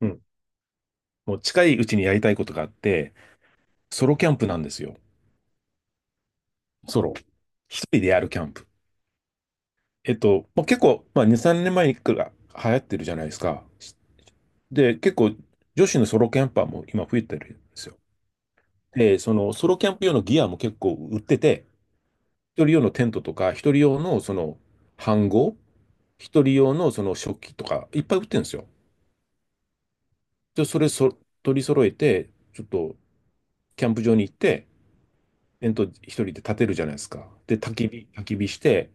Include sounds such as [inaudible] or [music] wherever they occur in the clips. うん。もう近いうちにやりたいことがあって、ソロキャンプなんですよ。ソロ。一人でやるキャンプ。もう結構、まあ、2、3年前にさんねんまえから流行ってるじゃないですか。で、結構、女子のソロキャンパーも今増えてるんですよ。で、そのソロキャンプ用のギアも結構売ってて、一人用のテントとか、一人用の飯盒、一人用のその食器とか、いっぱい売ってるんですよ。で、それそ取り揃えて、ちょっと、キャンプ場に行って、煙突一人で立てるじゃないですか。で、焚き火して、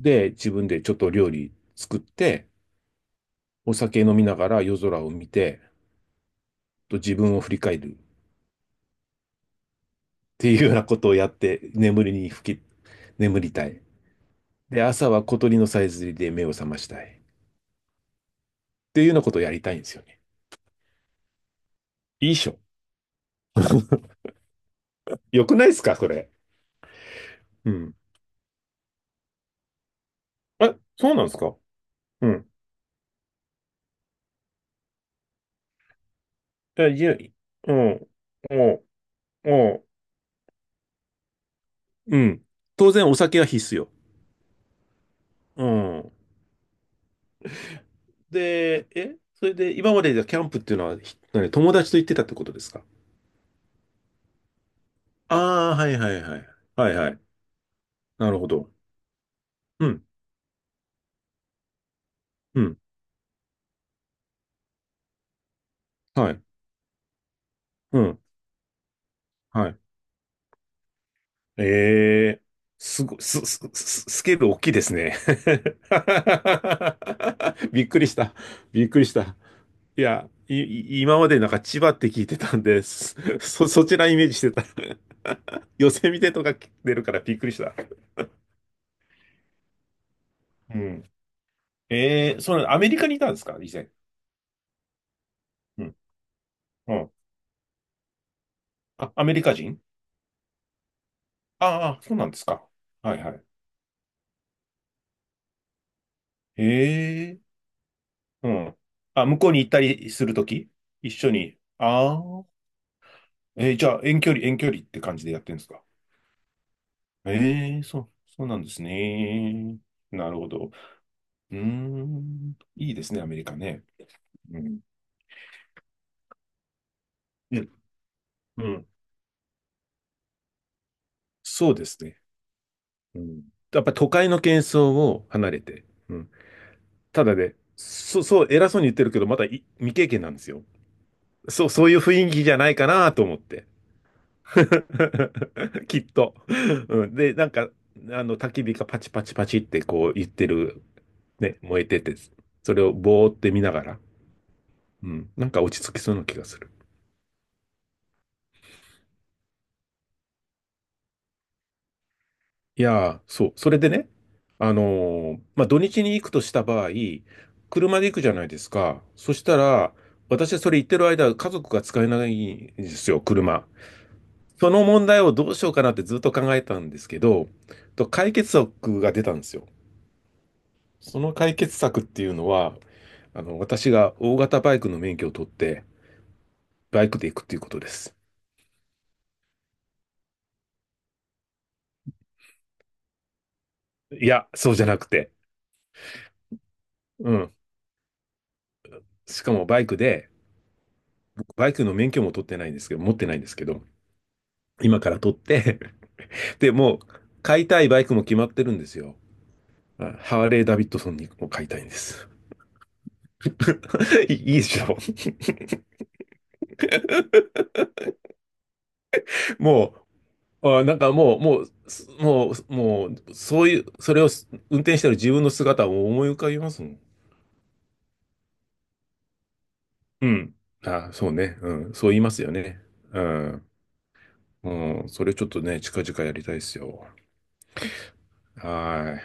で、自分でちょっと料理作って、お酒飲みながら夜空を見て、と自分を振り返るっていうようなことをやって、眠りに吹き、眠りたい。で、朝は小鳥のさえずりで目を覚ましたい、っていうようなことをやりたいんですよね。いいっしょ。よくないですか、それ。うん。あ、そうなんですか。うん。え、いや、うん、うん、うん。うん、当然お酒は必須よ。うん。で、それで今までじゃキャンプっていうのは、何友達と行ってたってことですか？ああー、はいはいはい。はいはい。なるほど。うん、うん、はい、うん、はい。ええー、すご、す、す、すスケール大きいですね。[laughs] びっくりした。びっくりした。いや、今までなんか千葉って聞いてたんです。[laughs] そちらイメージしてた。[laughs] ヨセミテとか出るからびっくりした。うん。ええー、アメリカにいたんですか以前？うん。あ、アメリカ人？ああ、そうなんですか。はいはい。へえ、うん。あ、向こうに行ったりするとき一緒に。ああ、じゃあ遠距離って感じでやってるんですか？ええ、そう、そうなんですね。なるほど。うーん、いいですね、アメリカね。うん。うん、うん、そうですね。うん。やっぱ都会の喧騒を離れて。うん。ただね、そう、そう、偉そうに言ってるけど、まだ未経験なんですよ。そう、そういう雰囲気じゃないかなと思って。[laughs] きっと。うん、で、なんか、焚き火がパチパチパチってこう言ってる、ね、燃えてて、それをぼーって見ながら、うん、なんか落ち着きそうな気がする。いやー、そう、それでね、あのまあ、土日に行くとした場合、車で行くじゃないですか。そしたら、私それ行ってる間、家族が使えないんですよ、車。その問題をどうしようかなってずっと考えたんですけど、と解決策が出たんですよ。その解決策っていうのは、私が大型バイクの免許を取って、バイクで行くっていうことです。いや、そうじゃなくて、うん。しかもバイクで、僕バイクの免許も取ってないんですけど、持ってないんですけど、今から取って [laughs] で、もう、買いたいバイクも決まってるんですよ。あ、ハーレー・ダビッドソンにも買いたいんです。[laughs] いいいでしょ。もう、あ、なんかもう、もう、すもう、もう、そういう、それを運転してる自分の姿を思い浮かびますもん。うん。あ、そうね。うん。そう言いますよね。うん。うん。それちょっとね、近々やりたいですよ。は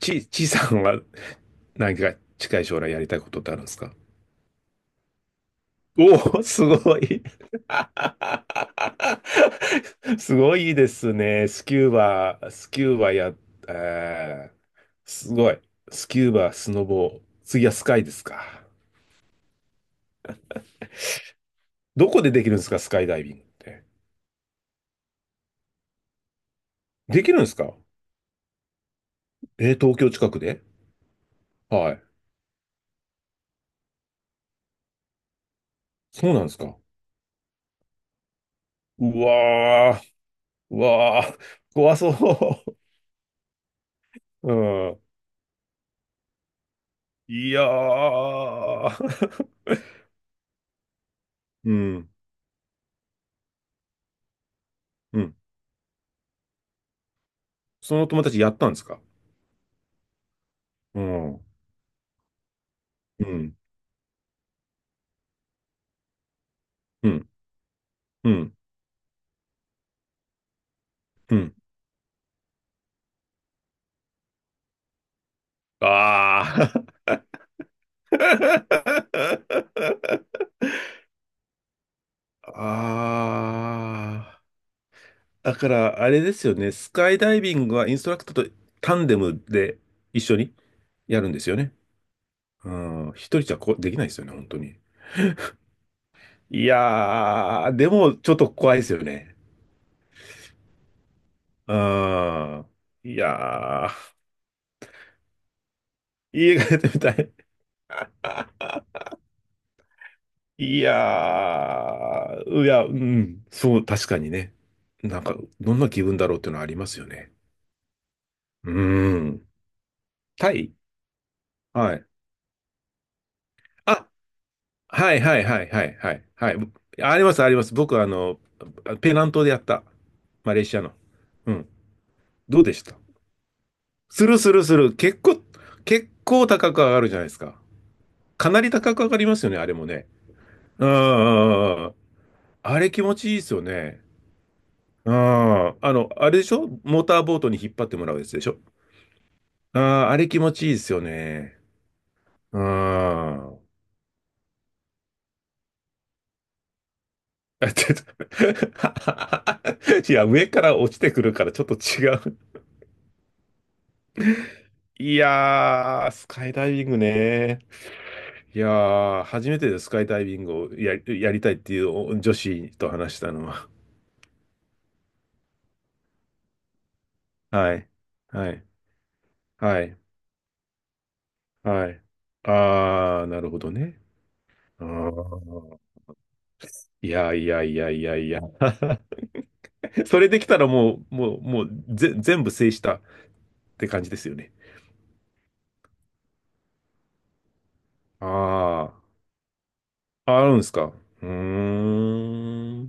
い。ちいさんは [laughs] 何か近い将来やりたいことってあるんですか？おお、すごい。[laughs] すごいですね。スキューバ、えー、すごい。スキューバ、スノボー。次はスカイですか？どこでできるんですか、スカイダイビングって？できるんですか？東京近くで？はい。そうなんですか。うわー、うわー、怖そう。うん。いやー。[laughs] うん、うん。その友達やったんですか？うん、うん、うん、うん、うん。あー。[laughs] あー。だから、あれですよね。スカイダイビングはインストラクターとタンデムで一緒にやるんですよね。うん。一人じゃこうできないですよね、本当に。いやー、でもちょっと怖いですよね。うーん。いやー、家帰ってみたい。いやー、いや、うん、そう、確かにね。なんか、どんな気分だろうっていうのはありますよね。うーん。タイ。はい。あ、はいはいはいはいはい。はい。ありますあります。僕、ペナントでやった。マレーシアの。うん。どうでした？するするする。結構高く上がるじゃないですか。かなり高く上がりますよね、あれもね。うん、あれ気持ちいいですよね。うん。あれでしょ？モーターボートに引っ張ってもらうやつでしょ？ああ、あれ気持ちいいですよね。うん。[laughs] あ、ちょっと [laughs] いや、上から落ちてくるからちょっと違う。いやー、スカイダイビングね。いやー、初めてでスカイダイビングをやりたいっていう女子と話したのは。はい。はい。はい。はい。あー、なるほどね。あーいやいやいやいやいや。[laughs] それできたらもう、もう、もう全部制したって感じですよね。ああ、あるんですか。うーん。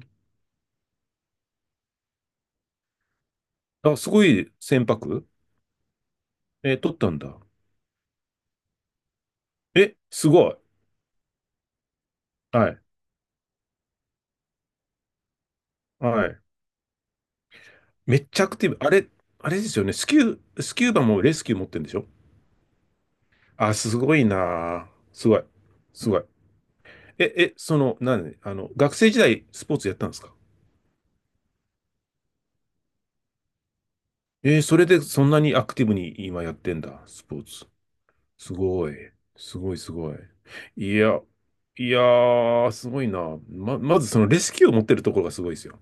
あ、すごい船舶取ったんだ。え、すごい。はい。はい。めっちゃアクティブ。あれですよね。スキューバもレスキュー持ってるんでしょ？あ、すごいなあ。すごい。すごい。なんで、学生時代スポーツやったんですか？それでそんなにアクティブに今やってんだ、スポーツ。すごい。すごい、すごい。いや、いやー、すごいな。まずそのレスキューを持ってるところがすごいですよ。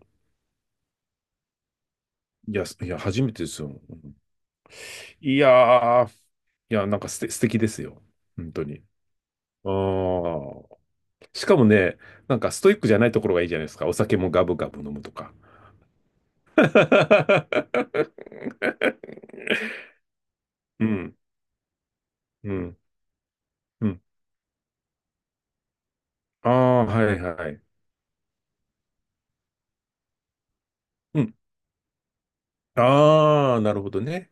いや、すいや、初めてですよ。うん、いやー、いや、なんか素敵ですよ。本当に。ああ、しかもね、なんかストイックじゃないところがいいじゃないですか。お酒もガブガブ飲むとか。[laughs] うん、うん、うん。ああ、はいはい。うん。ああ、なるほどね。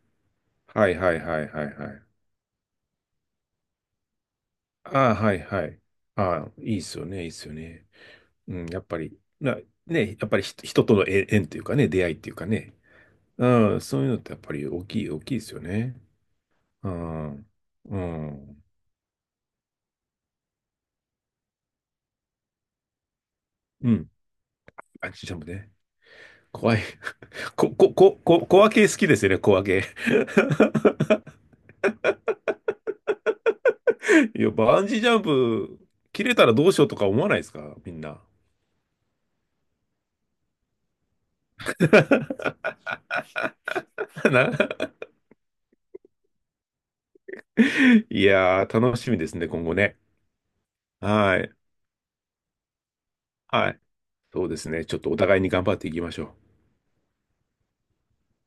はいはいはいはいはい。ああ、はいはい。ああ、いいっすよね、いいっすよね。うん、やっぱり、ね、やっぱり人との縁というかね、出会いっていうかね。うん、そういうのってやっぱり大きい、大きいですよね。うん、うん、うん。あ、ちっちゃんもね。怖い。[laughs] こ、こ、こ、こ、小分け好きですよね、小分け。[laughs] いや、バンジージャンプ、切れたらどうしようとか思わないですか、みんな？[laughs] ないやー、楽しみですね、今後ね。はい。はい。そうですね。ちょっとお互いに頑張っていきましょう。